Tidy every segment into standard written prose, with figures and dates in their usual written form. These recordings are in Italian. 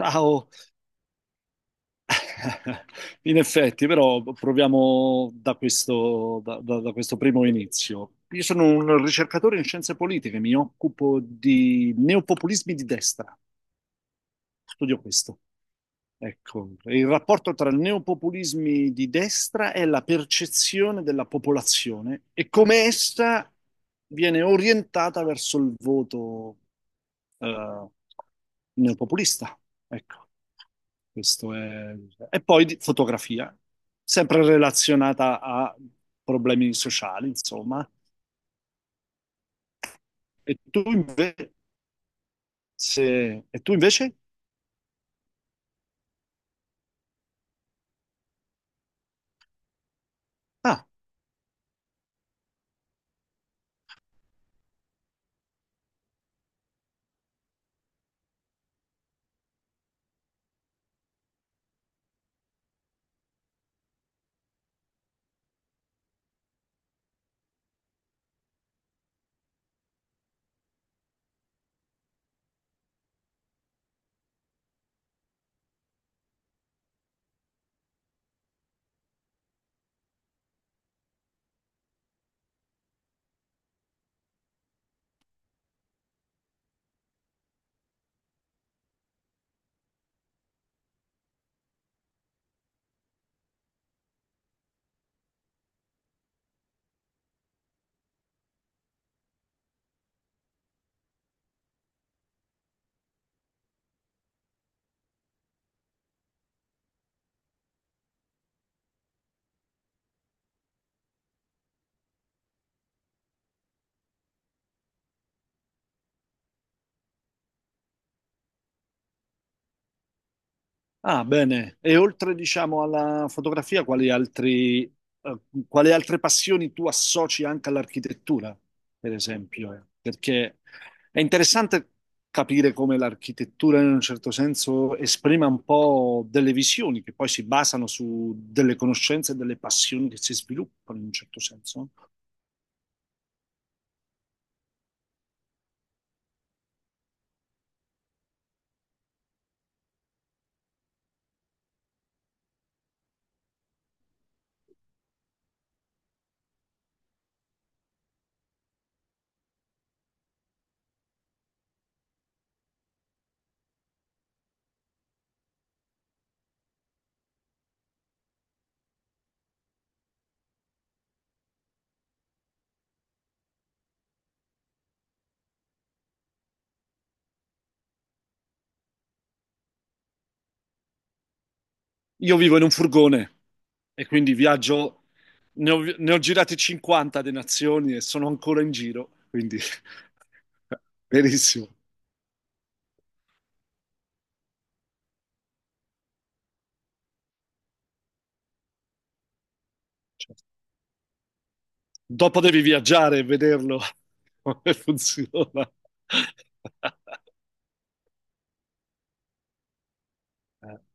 Ciao! In effetti, però proviamo da questo, da questo primo inizio. Io sono un ricercatore in scienze politiche, mi occupo di neopopulismi di destra, studio questo. Ecco, il rapporto tra i neopopulismi di destra e la percezione della popolazione e come essa viene orientata verso il voto eh, neopopulista. Ecco, questo è. E poi fotografia, sempre relazionata a problemi sociali, insomma. E tu invece, se... e tu invece? Ah, ah, bene. E oltre, diciamo, alla fotografia, quali altri, eh, quali altre passioni tu associ anche all'architettura, per esempio? Eh? Perché è interessante capire come l'architettura, in un certo senso, esprima un po' delle visioni che poi si basano su delle conoscenze e delle passioni che si sviluppano, in un certo senso. Io vivo in un furgone e quindi viaggio, ne ho girati 50 di nazioni e sono ancora in giro, quindi benissimo. Cioè, dopo devi viaggiare e vederlo come funziona.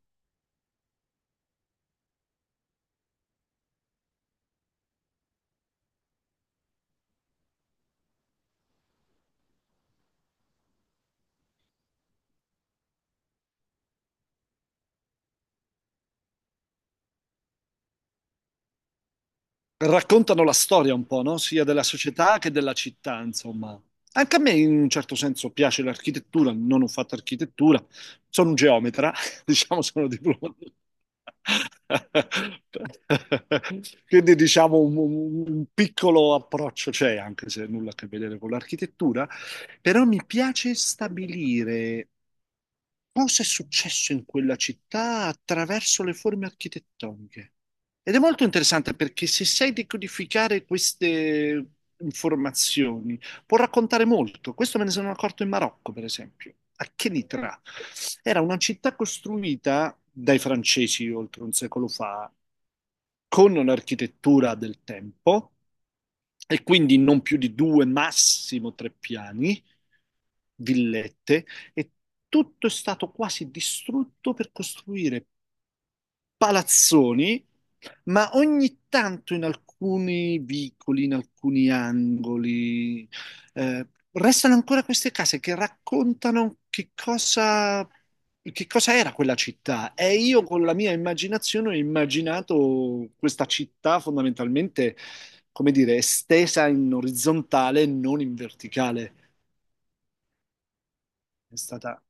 Raccontano la storia un po', no? Sia della società che della città, insomma. Anche a me in un certo senso piace l'architettura, non ho fatto architettura, sono un geometra, diciamo sono diplomato. Quindi diciamo un piccolo approccio c'è, anche se nulla a che vedere con l'architettura, però mi piace stabilire cosa è successo in quella città attraverso le forme architettoniche. Ed è molto interessante perché se sai decodificare queste informazioni, può raccontare molto. Questo me ne sono accorto in Marocco, per esempio. A Kenitra era una città costruita dai francesi oltre un secolo fa, con un'architettura del tempo e quindi non più di due, massimo tre piani, villette, e tutto è stato quasi distrutto per costruire palazzoni, ma ogni tanto in alcuni vicoli, in alcuni angoli, restano ancora queste case che raccontano che cosa era quella città. E io con la mia immaginazione ho immaginato questa città fondamentalmente, come dire, estesa in orizzontale, non in verticale. È stata,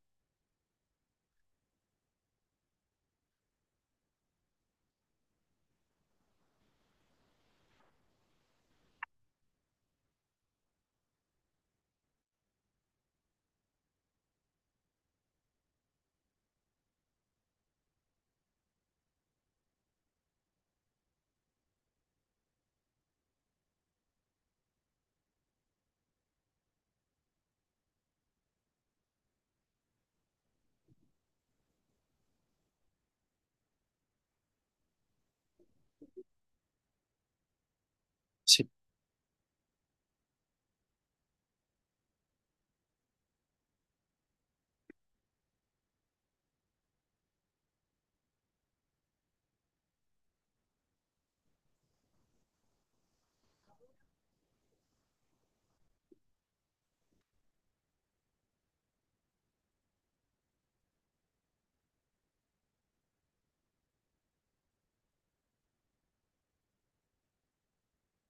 sì.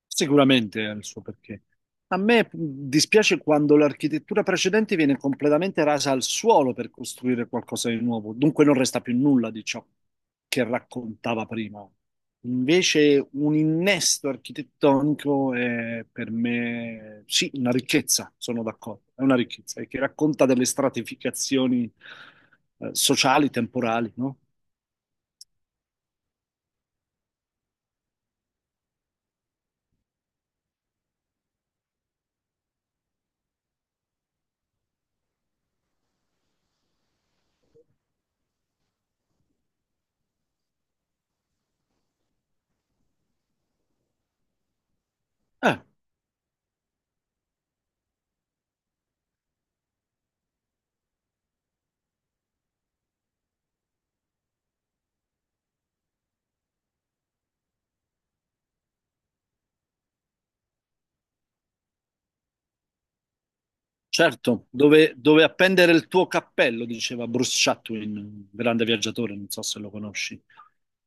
Sicuramente ha il suo perché. A me dispiace quando l'architettura precedente viene completamente rasa al suolo per costruire qualcosa di nuovo, dunque non resta più nulla di ciò che raccontava prima. Invece un innesto architettonico è per me, sì, una ricchezza, sono d'accordo, è una ricchezza, e che racconta delle stratificazioni sociali, temporali, no? Eh, certo, dove, dove appendere il tuo cappello, diceva Bruce Chatwin, grande viaggiatore, non so se lo conosci.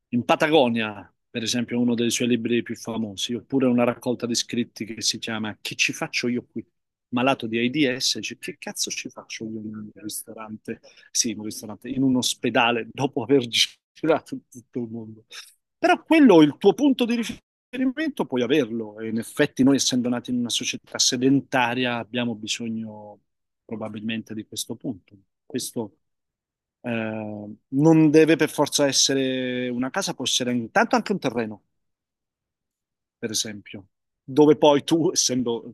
In Patagonia, per esempio, è uno dei suoi libri più famosi, oppure una raccolta di scritti che si chiama Che ci faccio io qui? Malato di AIDS, dice, che cazzo ci faccio io in un ristorante? Sì, in un ristorante, in un ospedale, dopo aver girato tutto il mondo. Però quello è il tuo punto di riferimento esperimento puoi averlo. E in effetti, noi essendo nati in una società sedentaria, abbiamo bisogno probabilmente di questo punto. Questo non deve per forza essere una casa, può essere intanto anche un terreno per esempio, dove poi tu, essendo,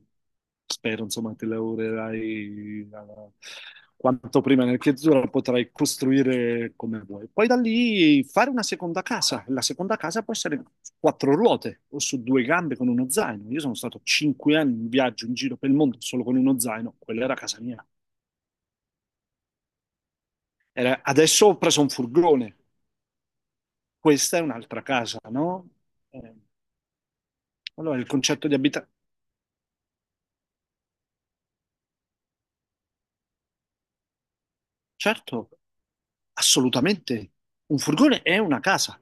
spero, insomma, ti lavorerai quanto prima nell'architettura, potrai costruire come vuoi. Poi da lì fare una seconda casa. La seconda casa può essere su quattro ruote o su due gambe con uno zaino. Io sono stato 5 anni in viaggio in giro per il mondo solo con uno zaino, quella era casa mia. Adesso ho preso un furgone, questa è un'altra casa, no? Eh, allora il concetto di abitare. Certo, assolutamente. Un furgone è una casa.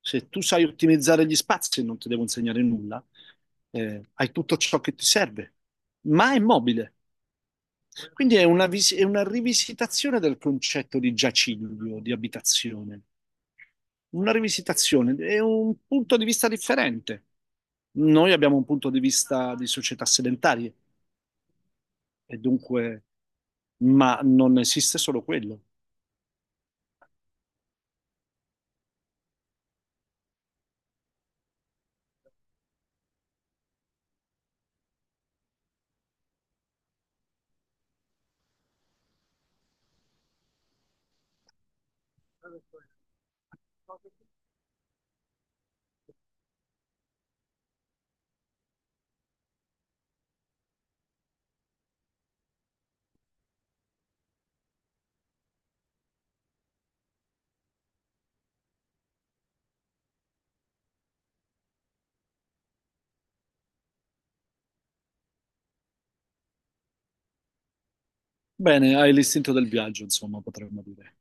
Se tu sai ottimizzare gli spazi e non ti devo insegnare nulla, hai tutto ciò che ti serve, ma è mobile. Quindi è una rivisitazione del concetto di giaciglio, di abitazione. Una rivisitazione, è un punto di vista differente. Noi abbiamo un punto di vista di società sedentarie, e dunque, ma non esiste solo quello. Bene, hai l'istinto del viaggio, insomma, potremmo dire.